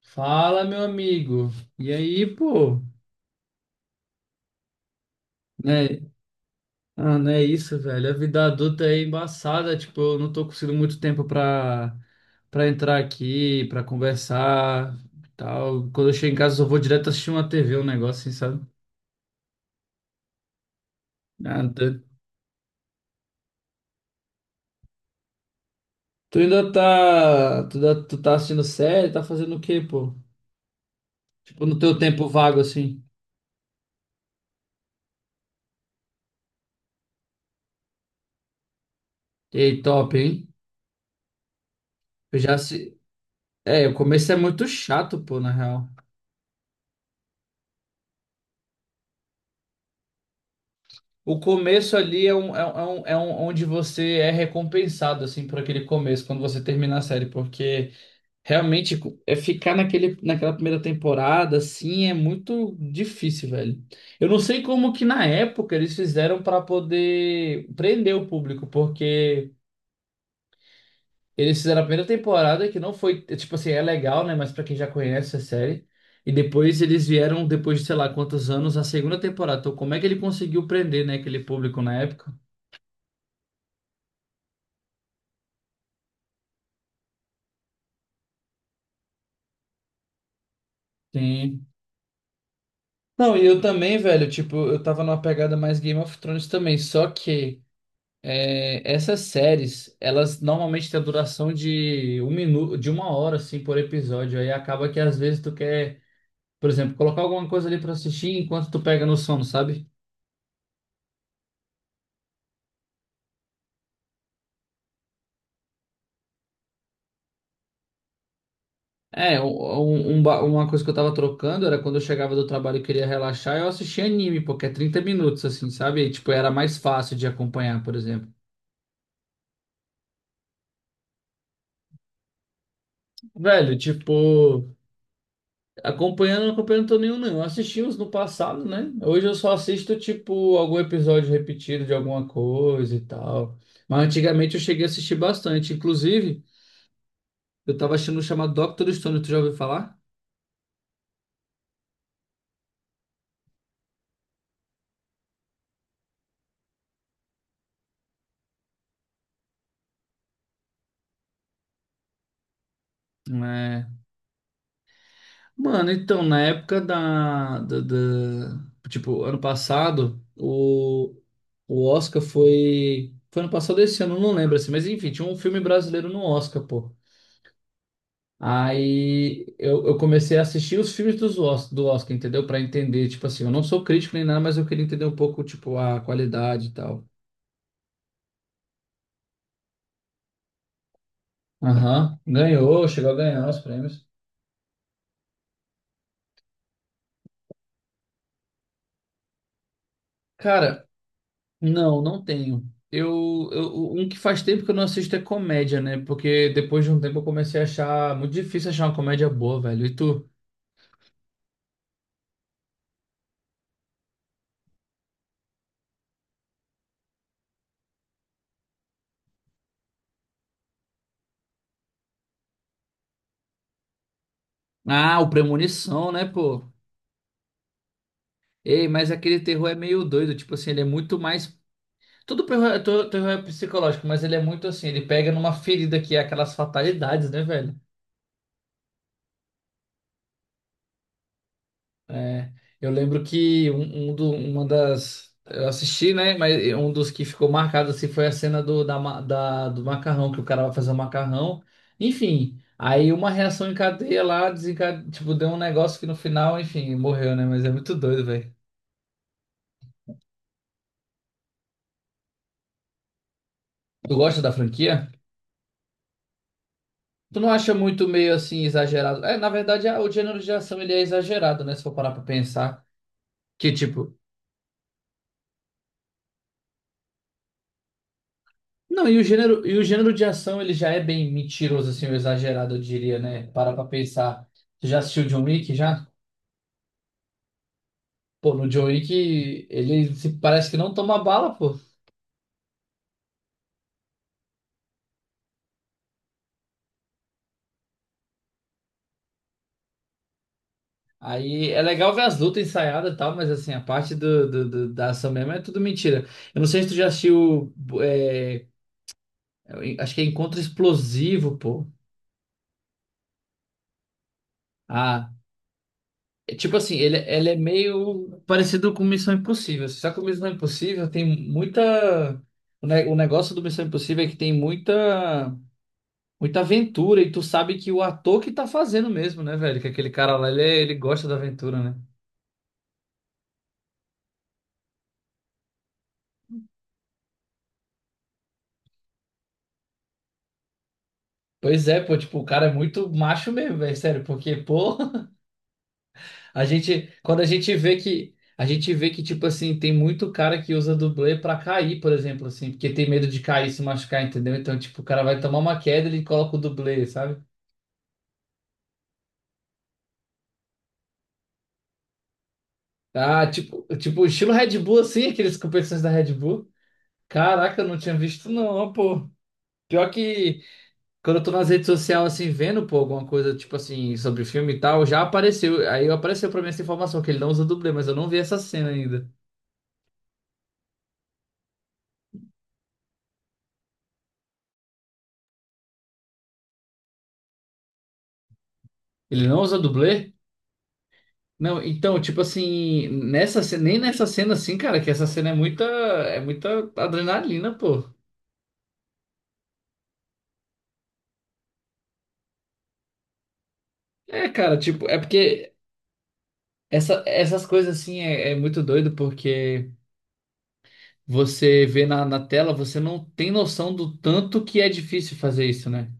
Fala, meu amigo. E aí, pô? Né? Ah, não é isso, velho. A vida adulta é embaçada. Tipo, eu não tô conseguindo muito tempo pra entrar aqui, pra conversar e tal. Quando eu chego em casa, eu vou direto assistir uma TV, um negócio assim, sabe? Ah, tu, tu ainda tá. Tu, tu tá assistindo série? Tá fazendo o quê, pô? Tipo, no teu tempo vago, assim. Ei, top, hein? Eu já se. É, o começo é muito chato, pô, na real. O começo ali é onde você é recompensado, assim, por aquele começo, quando você termina a série, porque realmente é ficar naquela primeira temporada, assim, é muito difícil, velho. Eu não sei como que na época eles fizeram para poder prender o público, porque eles fizeram a primeira temporada, que não foi, tipo assim, é legal, né, mas para quem já conhece a série. E depois eles vieram, depois de sei lá quantos anos, a segunda temporada. Então, como é que ele conseguiu prender, né, aquele público na época? Sim. Não, e eu também, velho, tipo, eu tava numa pegada mais Game of Thrones também, só que é, essas séries, elas normalmente têm a duração de um minuto, de uma hora, assim, por episódio, aí acaba que às vezes tu quer, por exemplo, colocar alguma coisa ali pra assistir enquanto tu pega no sono, sabe? É, uma coisa que eu tava trocando era quando eu chegava do trabalho e queria relaxar, eu assistia anime, porque é 30 minutos, assim, sabe? E, tipo, era mais fácil de acompanhar, por exemplo. Velho, tipo. Acompanhando, acompanhando, não tô nenhum, não. Eu assisti uns no passado, né? Hoje eu só assisto, tipo, algum episódio repetido de alguma coisa e tal. Mas antigamente eu cheguei a assistir bastante. Inclusive, eu tava assistindo um chamado Doctor Stone, tu já ouviu falar? É. Mano, então, na época tipo, ano passado, o Oscar foi. Foi ano passado esse ano, eu não lembro assim, mas enfim, tinha um filme brasileiro no Oscar, pô. Aí eu comecei a assistir os filmes do Oscar, entendeu? Pra entender, tipo assim, eu não sou crítico nem nada, mas eu queria entender um pouco, tipo, a qualidade e tal. Aham, ganhou, chegou a ganhar os prêmios. Cara, não, não tenho. Um que faz tempo que eu não assisto é comédia, né? Porque depois de um tempo eu comecei a achar muito difícil achar uma comédia boa, velho. E tu? Ah, o Premonição, né, pô? Ei, mas aquele terror é meio doido, tipo assim, ele é muito mais. Tudo terror terror é psicológico, mas ele é muito assim, ele pega numa ferida que é aquelas fatalidades, né, velho? É, eu lembro que uma das. Eu assisti, né? Mas um dos que ficou marcado assim foi a cena do, da, ma- da- do macarrão, que o cara vai fazer o macarrão. Enfim, aí uma reação em cadeia lá, desenca tipo, deu um negócio que no final, enfim, morreu, né? Mas é muito doido, velho. Tu gosta da franquia? Tu não acha muito meio assim exagerado? É, na verdade, o gênero de ação ele é exagerado, né? Se for parar pra pensar. Que tipo, não, e o gênero de ação ele já é bem mentiroso, assim, ou exagerado, eu diria, né? Para pra pensar. Tu já assistiu John Wick já? Pô, no John Wick ele parece que não toma bala, pô. Aí é legal ver as lutas ensaiadas e tal, mas assim, a parte da ação mesmo é tudo mentira. Eu não sei se tu já assistiu. É, acho que é Encontro Explosivo, pô. Ah, é, tipo assim, ele é meio parecido com Missão Impossível. Só que o Missão Impossível tem muita. O, o negócio do Missão Impossível é que tem muita aventura. E tu sabe que o ator que tá fazendo mesmo, né, velho? Que aquele cara lá, ele gosta da aventura, né? Pois é, pô, tipo, o cara é muito macho mesmo, velho, sério, porque, pô, a gente, quando a gente vê que, a gente vê que, tipo assim, tem muito cara que usa dublê pra cair, por exemplo, assim, porque tem medo de cair, se machucar, entendeu? Então, tipo, o cara vai tomar uma queda, ele coloca o dublê, sabe? Ah, tipo, estilo Red Bull, assim, aqueles competições da Red Bull. Caraca, eu não tinha visto, não, pô. Pior que quando eu tô nas redes sociais, assim, vendo, pô, alguma coisa, tipo assim, sobre filme e tal, já apareceu. Aí apareceu pra mim essa informação, que ele não usa dublê, mas eu não vi essa cena ainda. Ele não usa dublê? Não, então, tipo assim, nem nessa cena, assim, cara, que essa cena é muita adrenalina, pô. É, cara, tipo, é porque essas coisas, assim, é muito doido, porque você vê na tela, você não tem noção do tanto que é difícil fazer isso, né?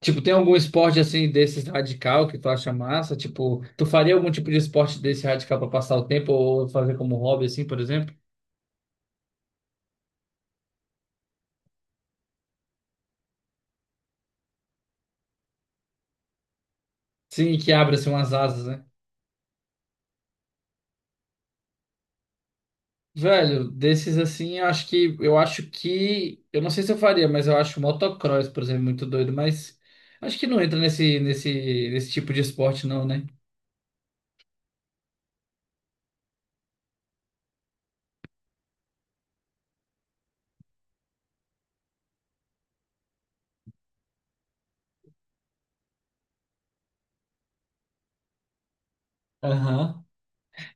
Tipo, tem algum esporte assim desses radical que tu acha massa? Tipo, tu faria algum tipo de esporte desse radical pra passar o tempo ou fazer como hobby assim, por exemplo? Sim, que abre assim umas asas, né? Velho, desses assim, eu acho que eu não sei se eu faria, mas eu acho motocross, por exemplo, muito doido, mas acho que não entra nesse tipo de esporte não, né? Aham.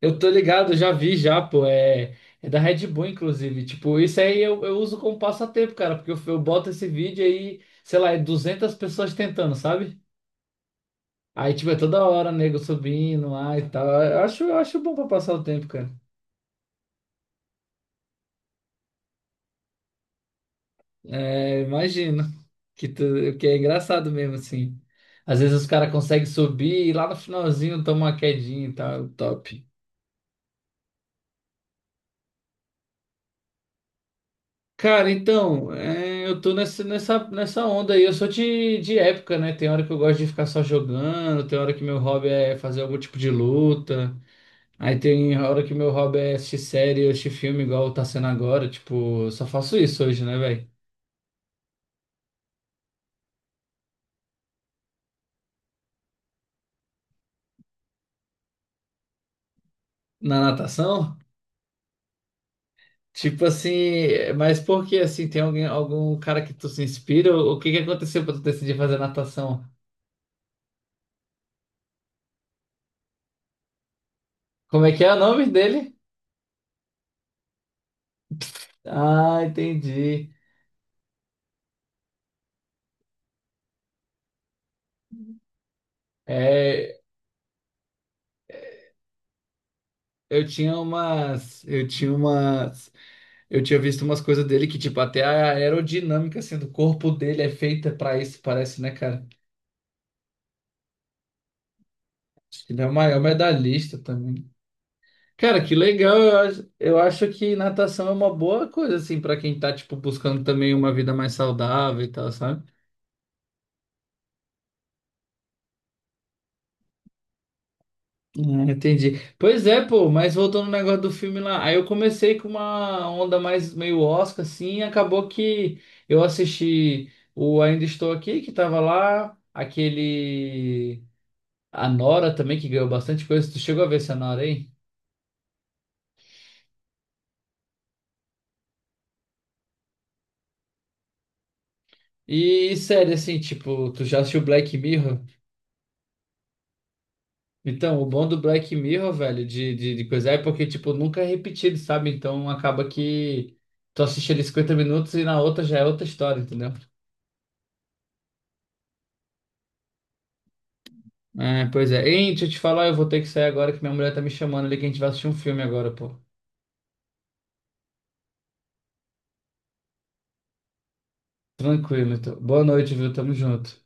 Eu tô ligado, já vi já, pô. É, é da Red Bull, inclusive. Tipo, isso aí eu uso como passatempo, cara, porque eu boto esse vídeo aí, sei lá, é 200 pessoas tentando, sabe? Aí, tipo, é toda hora, nego subindo lá e tal. Eu acho bom pra passar o tempo, cara. É, imagino que, tu, que é engraçado mesmo, assim. Às vezes os caras conseguem subir e lá no finalzinho toma uma quedinha e tal, top. Cara, então, é, eu tô nessa onda aí. Eu sou de época, né? Tem hora que eu gosto de ficar só jogando, tem hora que meu hobby é fazer algum tipo de luta. Aí tem hora que meu hobby é assistir série, assistir filme, igual tá sendo agora. Tipo, eu só faço isso hoje, né, velho? Na natação? Tipo assim, é, mas por que assim? Tem alguém, algum cara que tu se inspira? O que que aconteceu pra tu decidir fazer natação? Como é que é o nome dele? Ah, entendi. É, Eu tinha umas, eu tinha umas, eu tinha visto umas coisas dele que, tipo, até a aerodinâmica, assim, do corpo dele é feita pra isso, parece, né, cara? Ele é o maior medalhista também. Cara, que legal, eu acho que natação é uma boa coisa, assim, pra quem tá, tipo, buscando também uma vida mais saudável e tal, sabe? Ah, entendi. Pois é, pô, mas voltando no negócio do filme lá, aí eu comecei com uma onda mais meio Oscar, assim, e acabou que eu assisti o Ainda Estou Aqui, que tava lá, aquele. A Nora também, que ganhou bastante coisa. Tu chegou a ver essa Nora aí? E sério, assim, tipo, tu já assistiu Black Mirror? Então, o bom do Black Mirror, velho, de coisa é porque, tipo, nunca é repetido, sabe? Então acaba que tu assiste ali 50 minutos e na outra já é outra história, entendeu? É, pois é. Ei, deixa eu te falar, eu vou ter que sair agora que minha mulher tá me chamando ali que a gente vai assistir um filme agora, pô. Tranquilo, então. Boa noite, viu? Tamo junto.